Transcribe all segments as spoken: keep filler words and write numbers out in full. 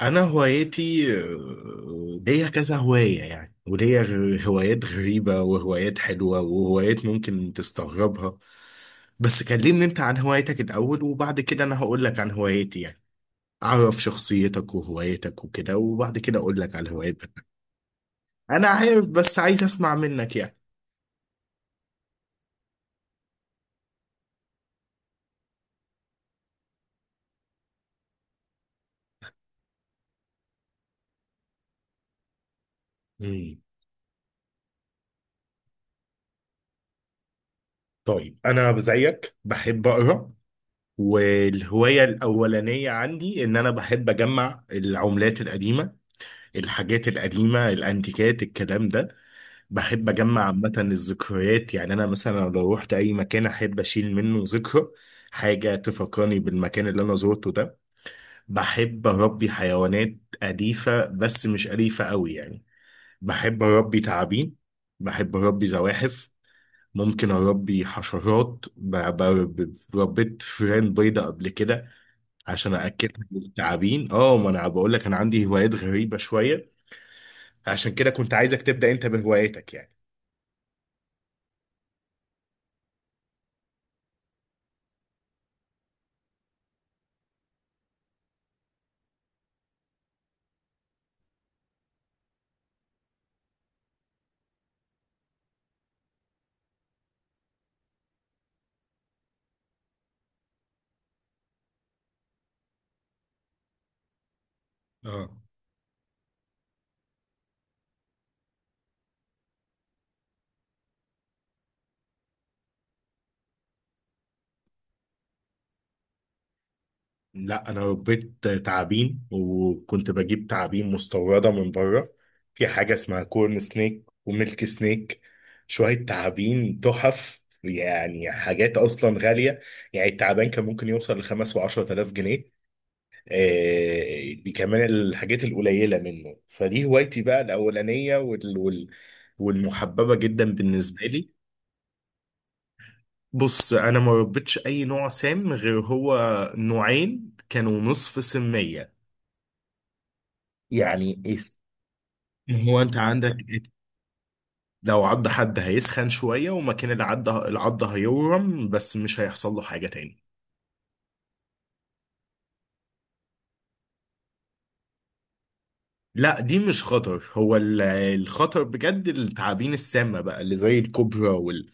انا هوايتي آه، ليا كذا هواية يعني وليا غ- هوايات غريبة وهوايات حلوة وهوايات ممكن تستغربها. بس كلمني انت عن هوايتك الاول وبعد كده انا هقول لك عن هوايتي يعني، اعرف شخصيتك وهوايتك وكده وبعد كده اقول لك عن هوايتك. انا عارف بس عايز اسمع منك يعني. مم. طيب انا زيك بحب اقرا، والهواية الاولانية عندي ان انا بحب اجمع العملات القديمة، الحاجات القديمة الأنتيكات الكلام ده. بحب أجمع عامة الذكريات، يعني أنا مثلا لو روحت أي مكان أحب أشيل منه ذكرى، حاجة تفكرني بالمكان اللي أنا زورته ده. بحب أربي حيوانات أليفة، بس مش أليفة أوي يعني. بحب أربي تعابين، بحب أربي زواحف، ممكن أربي حشرات ب- ب- ربيت فئران بيضة قبل كده عشان أأكلها للتعابين. اه، ما أنا بقول لك أنا عندي هوايات غريبة شوية، عشان كده كنت عايزك تبدأ انت بهواياتك يعني. اه لا، انا ربيت تعابين وكنت بجيب تعابين مستورده من بره، في حاجه اسمها كورن سنيك وميلك سنيك، شويه تعابين تحف يعني حاجات اصلا غاليه، يعني التعبان كان ممكن يوصل لخمس وعشرة آلاف جنيه. آه، دي كمان الحاجات القليله منه، فدي هوايتي بقى الاولانيه وال... وال... والمحببه جدا بالنسبه لي. بص انا ما ربيتش اي نوع سام غير هو، نوعين كانوا نصف سمية. يعني إيه؟ س- هو انت عندك. لو عض حد هيسخن شوية، ومكان العض العض هيورم، بس مش هيحصل له حاجة تاني. لا دي مش خطر، هو ال- الخطر بجد التعابين السامة بقى اللي زي الكوبرا وال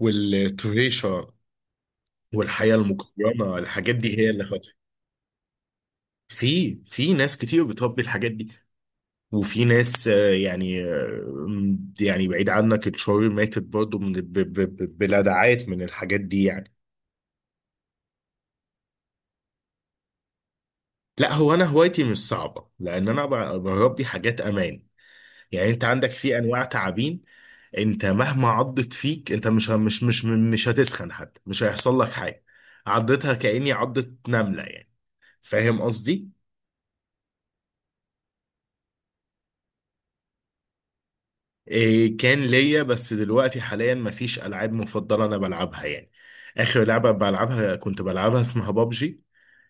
والتريشة والحياة المكرمة، الحاجات دي هي اللي خطر. في في ناس كتير بتربي الحاجات دي، وفي ناس آه، يعني آه، يعني بعيد عنك اتشهر ماتت برضو من ب- ب- ب- بلدعات من الحاجات دي يعني. لا هو انا هوايتي مش صعبه، لان انا ب- بربي حاجات امان، يعني انت عندك في انواع تعابين انت مهما عضت فيك انت مش ه- مش مش مش هتسخن حتى، مش هيحصل لك حاجه، عضتها كاني عضت نمله يعني، فاهم قصدي. إيه كان ليا، بس دلوقتي حاليا مفيش العاب مفضله انا بلعبها يعني، اخر لعبه بلعبها كنت بلعبها اسمها بابجي،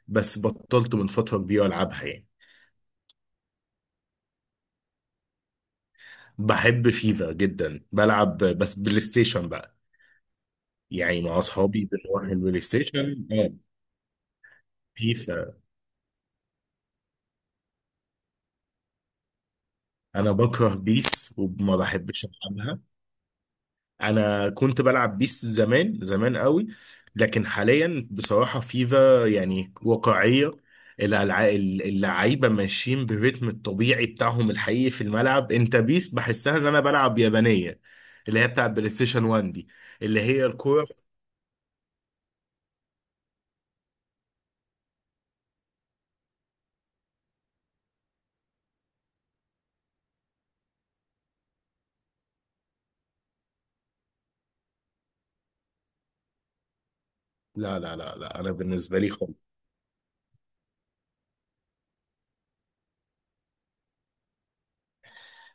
بس بطلت من فترة كبيرة ألعبها يعني. بحب فيفا جدا بلعب، بس بلاي ستيشن بقى، يعني مع أصحابي بنروح البلاي ستيشن. آه، فيفا أنا بكره بيس وما بحبش ألعبها. أنا كنت بلعب بيس زمان زمان قوي، لكن حاليا بصراحة فيفا يعني واقعية. الألع- اللعيبة ماشيين بالريتم الطبيعي بتاعهم الحقيقي في الملعب، أنت بيس بحسها إن أنا بلعب يابانية، اللي هي بتاع بلاي ستيشن واحد دي، اللي هي الكورة. لا لا لا لا انا بالنسبه لي خالص.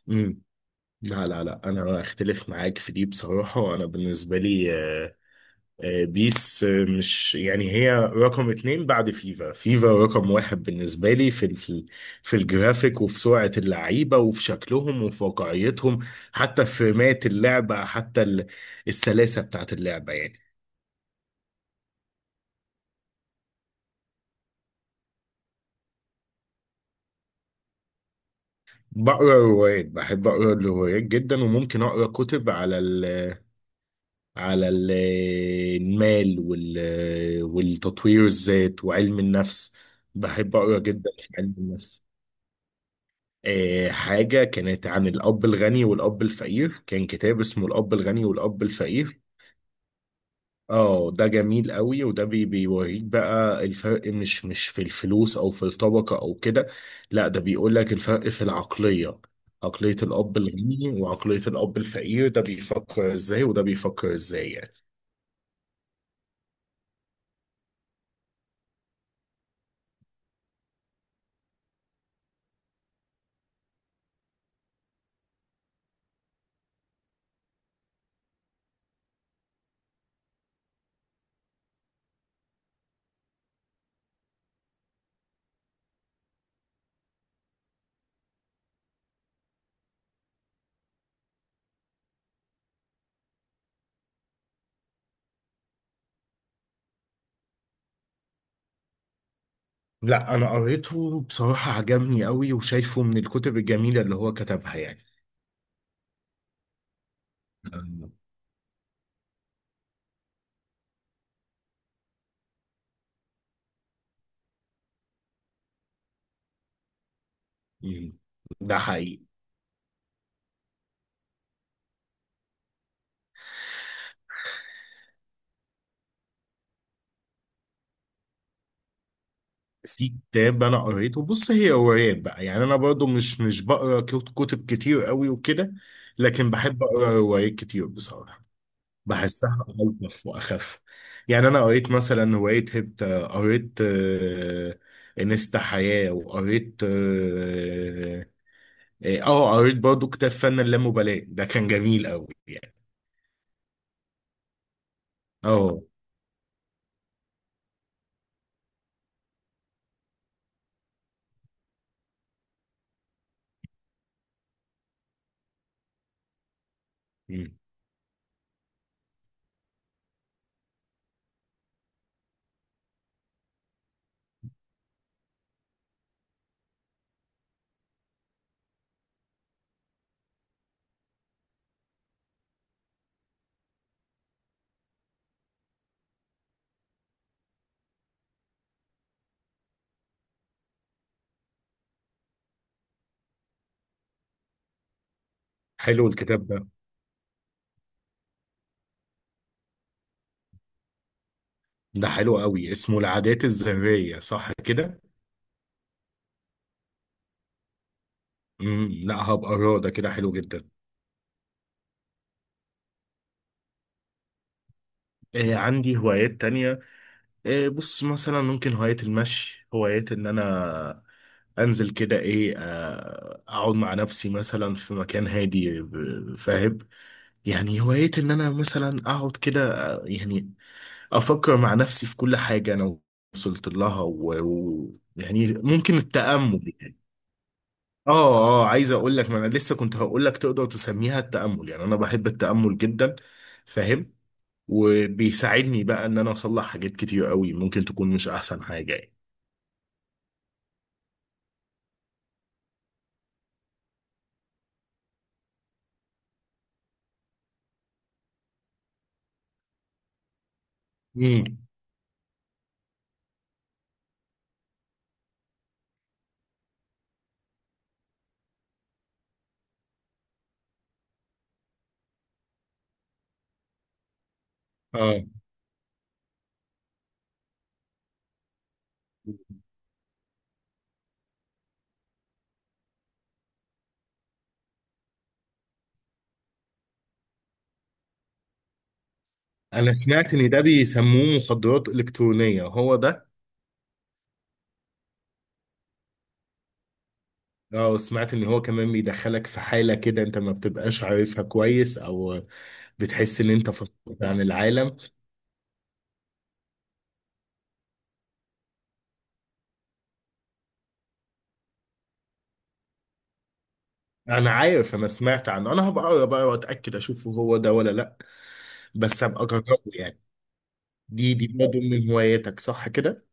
امم. لا لا لا انا اختلف معاك في دي بصراحه، انا بالنسبه لي آه، آه، بيس آه، مش، يعني هي رقم اتنين بعد فيفا، فيفا رقم واحد بالنسبه لي في ال- في في الجرافيك وفي سرعه اللعيبه وفي شكلهم وفي واقعيتهم، حتى في فريمات اللعبه، حتى ال- السلاسه بتاعت اللعبه يعني. بقرا روايات، بحب اقرا الروايات جدا، وممكن اقرا كتب على على ال- المال وال- والتطوير الذات وعلم النفس، بحب أقرأ جدا في علم النفس. آه، حاجة كانت عن الأب الغني والأب الفقير، كان كتاب اسمه الأب الغني والأب الفقير. اه ده جميل قوي، وده بي بيوريك بقى الفرق مش مش في الفلوس او في الطبقة او كده، لا ده بيقول لك الفرق في العقلية، عقلية الأب الغني وعقلية الأب الفقير، ده بيفكر ازاي وده بيفكر ازاي يعني. لا انا قريته بصراحة عجبني قوي، وشايفه من الكتب الجميلة اللي هو كتبها يعني. أمم. ده حقيقي. في كتاب انا قريته، بص هي روايات بقى يعني، انا برضو مش مش بقرا كت- كتب كتير قوي وكده، لكن بحب اقرا روايات كتير بصراحة، بحسها الطف واخف. يعني انا قريت مثلا رواية هبت، قريت آه، انستا حياة، وقريت اه آه، آه، قريت برضو كتاب فن اللامبالاة، ده كان جميل قوي. اه. مم. حلو الكتاب ده، ده حلو قوي اسمه العادات الذرية صح كده؟ مم. لا هبقى أقراه، ده كده حلو جدا. آه عندي هوايات تانية، آه بص مثلا ممكن هواية المشي، هواية ان انا انزل كده ايه آه اقعد مع نفسي مثلا في مكان هادي ب- فاهم يعني، هواية ان انا مثلا اقعد كده آه، يعني افكر مع نفسي في كل حاجة انا وصلت لها، ويعني و... و- يعني ممكن التأمل يعني. اه اه، عايز اقول لك ما انا لسه كنت هقول لك تقدر تسميها التأمل، يعني انا بحب التأمل جدا. فاهم. وبيساعدني بقى ان انا اصلح حاجات كتير قوي ممكن تكون مش احسن حاجة يعني. امم. اه انا سمعت ان ده بيسموه مخدرات الكترونية، هو ده؟ اه سمعت ان هو كمان بيدخلك في حالة كده انت ما بتبقاش عارفها كويس، او بتحس ان انت فصلت عن العالم. انا عارف، انا سمعت عنه، انا هبقى اقرا بقى واتاكد اشوف هو ده ولا لا، بس هبقى اجربه يعني. دي دي برضه من هواياتك صح كده؟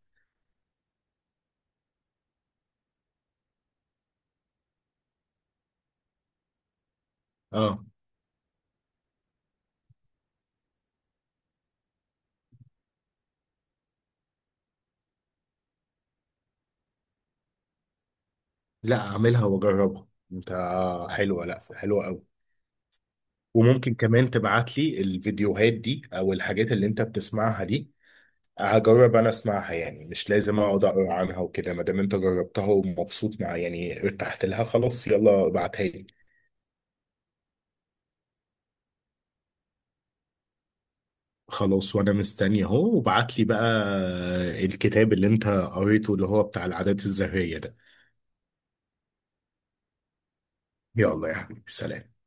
اه لا اعملها واجربها انت، حلوه، لا حلوه قوي. وممكن كمان تبعت لي الفيديوهات دي او الحاجات اللي انت بتسمعها دي، هجرب انا اسمعها يعني، مش لازم اقعد اقرا عنها وكده، ما دام انت جربتها ومبسوط مع يعني ارتحت لها خلاص، يلا ابعتها لي. خلاص، وانا مستني اهو، وابعت لي بقى الكتاب اللي انت قريته اللي هو بتاع العادات الذرية ده. يلا يا حبيبي سلام.